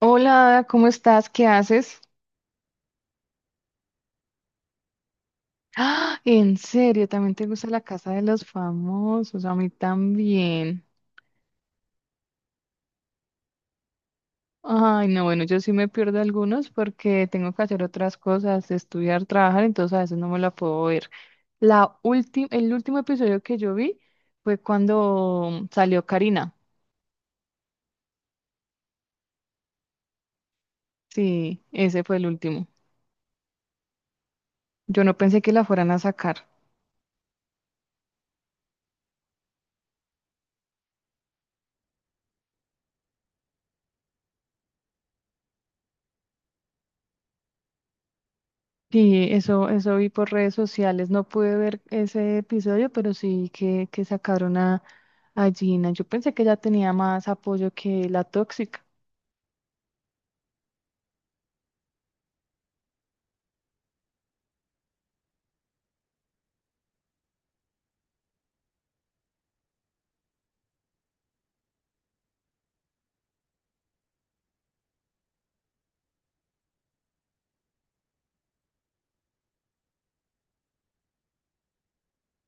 Hola, Ada, ¿cómo estás? ¿Qué haces? ¡Ah! ¿En serio? ¿También te gusta la casa de los famosos? A mí también. Ay, no, bueno, yo sí me pierdo algunos porque tengo que hacer otras cosas, estudiar, trabajar, entonces a veces no me la puedo ver. La última, el último episodio que yo vi fue cuando salió Karina. Sí, ese fue el último. Yo no pensé que la fueran a sacar. Sí, eso vi por redes sociales. No pude ver ese episodio, pero sí que sacaron a Gina. Yo pensé que ella tenía más apoyo que la tóxica.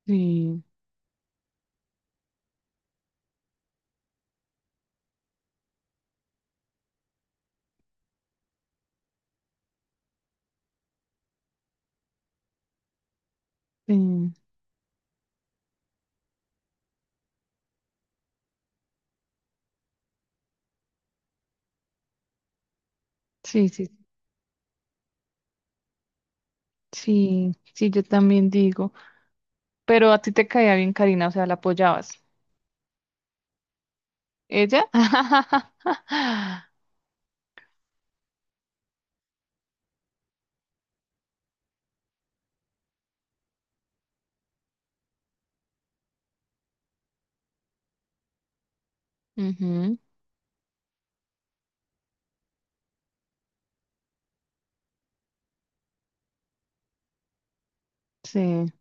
Sí, sí, sí, sí, sí, sí, yo también digo. Pero a ti te caía bien Karina, o sea, la apoyabas. ¿Ella? Ujú, sí,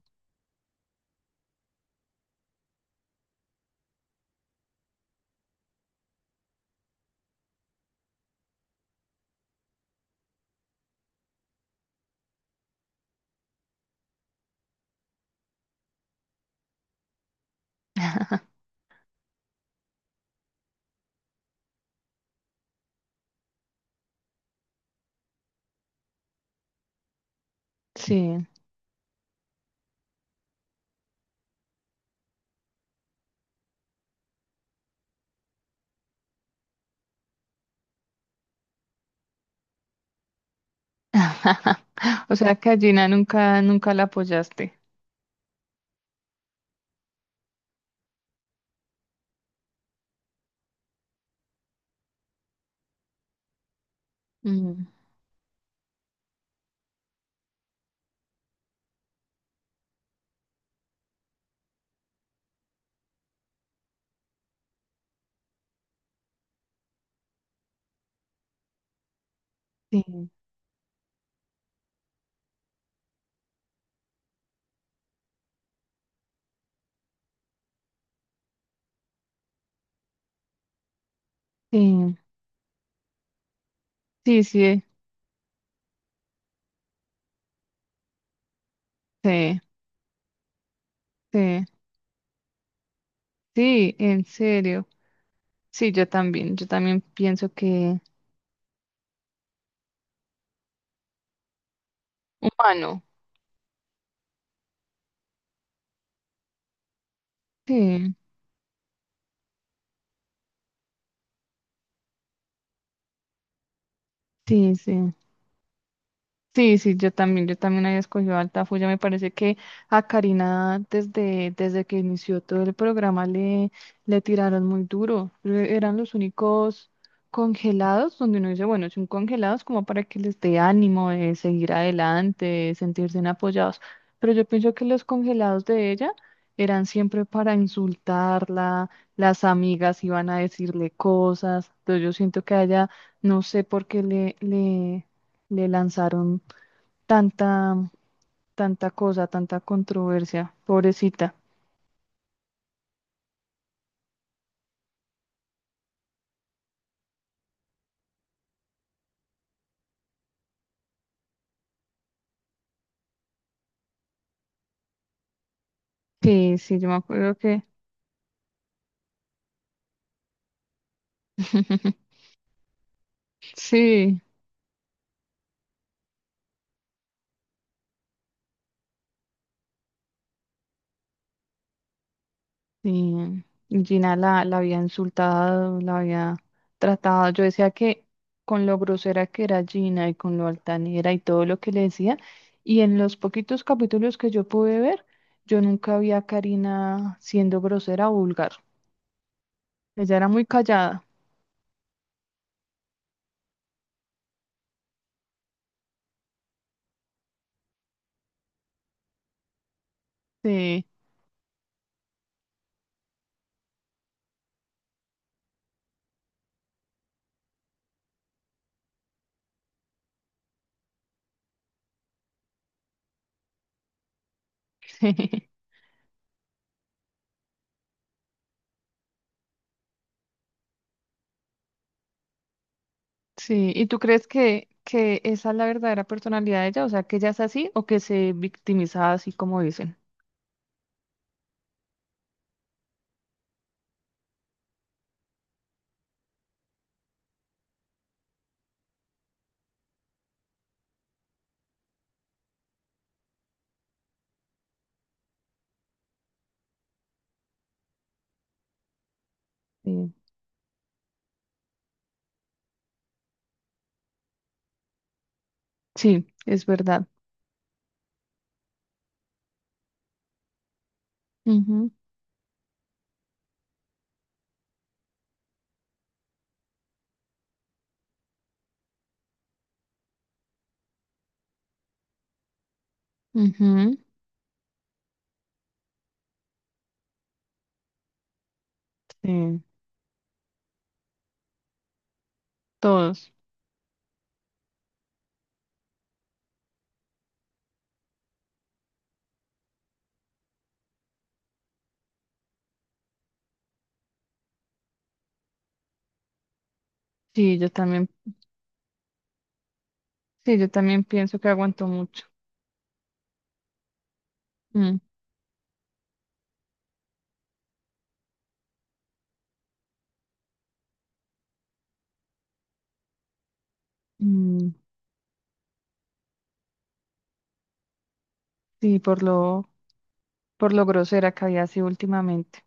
sí. O sea que a Gina nunca, nunca la apoyaste. Mm, sí, sí, sí, sí, sí, sí. Sí, en serio. Sí, yo también. Yo también pienso que humano. Sí, sí, sí. Sí, sí, yo también había escogido a Altafulla. Me parece que a Karina desde, desde que inició todo el programa le tiraron muy duro. E- Eran los únicos congelados donde uno dice, bueno, son congelados como para que les dé ánimo de seguir adelante, de sentirse apoyados. Pero yo pienso que los congelados de ella eran siempre para insultarla, las amigas iban a decirle cosas. Entonces yo siento que a ella, no sé por qué le lanzaron tanta, tanta cosa, tanta controversia, pobrecita. Sí, sí, yo me acuerdo que sí, sí, Gina la, la había insultado, la había tratado. Yo decía que con lo grosera que era Gina y con lo altanera y todo lo que le decía, y en los poquitos capítulos que yo pude ver, yo nunca vi a Karina siendo grosera o vulgar. Ella era muy callada. Sí, sí. Sí, ¿y tú crees que esa es la verdadera personalidad de ella? O sea, que ella es así o que se victimiza así como dicen. Sí, sí, es verdad. Ujú, ujú. Sí, todos. Sí, yo también, sí, yo también pienso que aguantó mucho. Mm, mm, sí, por lo grosera que había sido últimamente.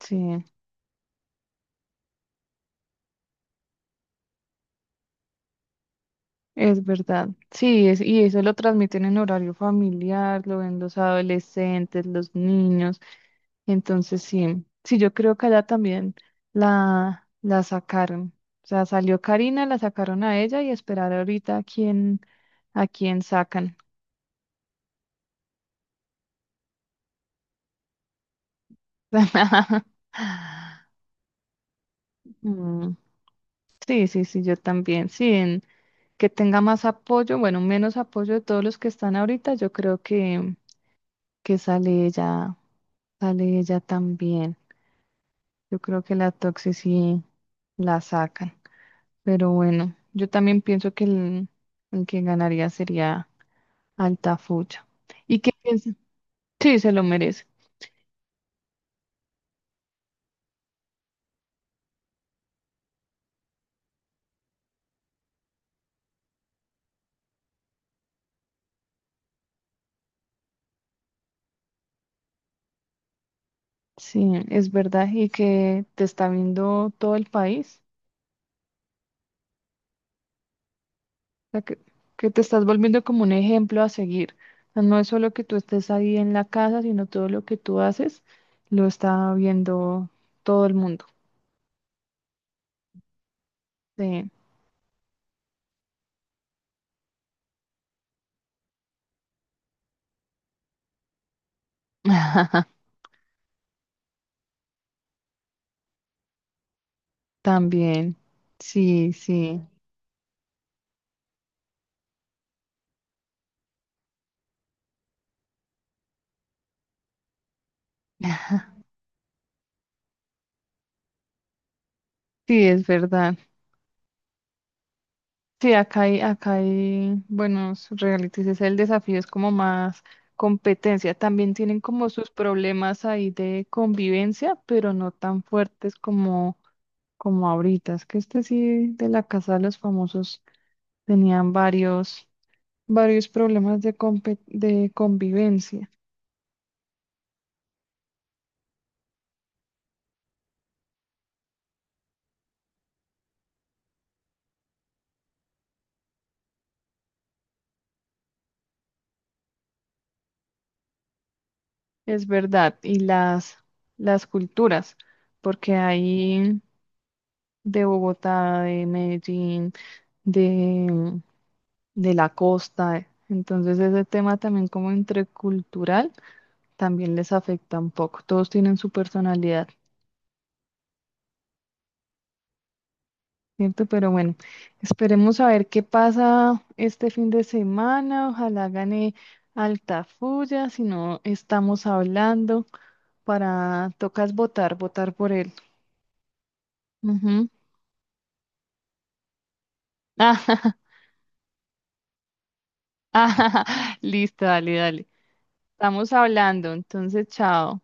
Sí. Es verdad, sí, es, y eso lo transmiten en horario familiar, lo ven los adolescentes, los niños, entonces sí, sí, yo creo que allá también la sacaron, o sea, salió Karina, la sacaron a ella y esperar ahorita a quién sacan. Mm, sí, sí, sí, yo también, sí, en- que tenga más apoyo, bueno, menos apoyo de todos los que están ahorita, yo creo que sale ella también. Yo creo que la Toxi sí la sacan. Pero bueno, yo también pienso que el que ganaría sería Altafulla. ¿Y qué piensas? Sí, se lo merece. Sí, es verdad. Y que te está viendo todo el país. O sea, que te estás volviendo como un ejemplo a seguir. O sea, no es solo que tú estés ahí en la casa, sino todo lo que tú haces lo está viendo todo el mundo. Sí. También. Sí, sí. Sí, es verdad. Sí, acá hay buenos realities. Es el desafío, es como más competencia. También tienen como sus problemas ahí de convivencia, pero no tan fuertes como, como ahorita. Es que este sí de la Casa de los Famosos tenían varios, varios problemas de, compe- de convivencia. Es verdad. Y las culturas, porque hay de Bogotá, de Medellín, de la costa. Eh. Entonces ese tema también como intercultural también les afecta un poco. Todos tienen su personalidad, ¿cierto? Pero bueno, esperemos a ver qué pasa este fin de semana. Ojalá gane Altafulla, si no estamos hablando para, tocas votar, votar por él. Ujú. Listo, dale, dale. Estamos hablando, entonces, chao.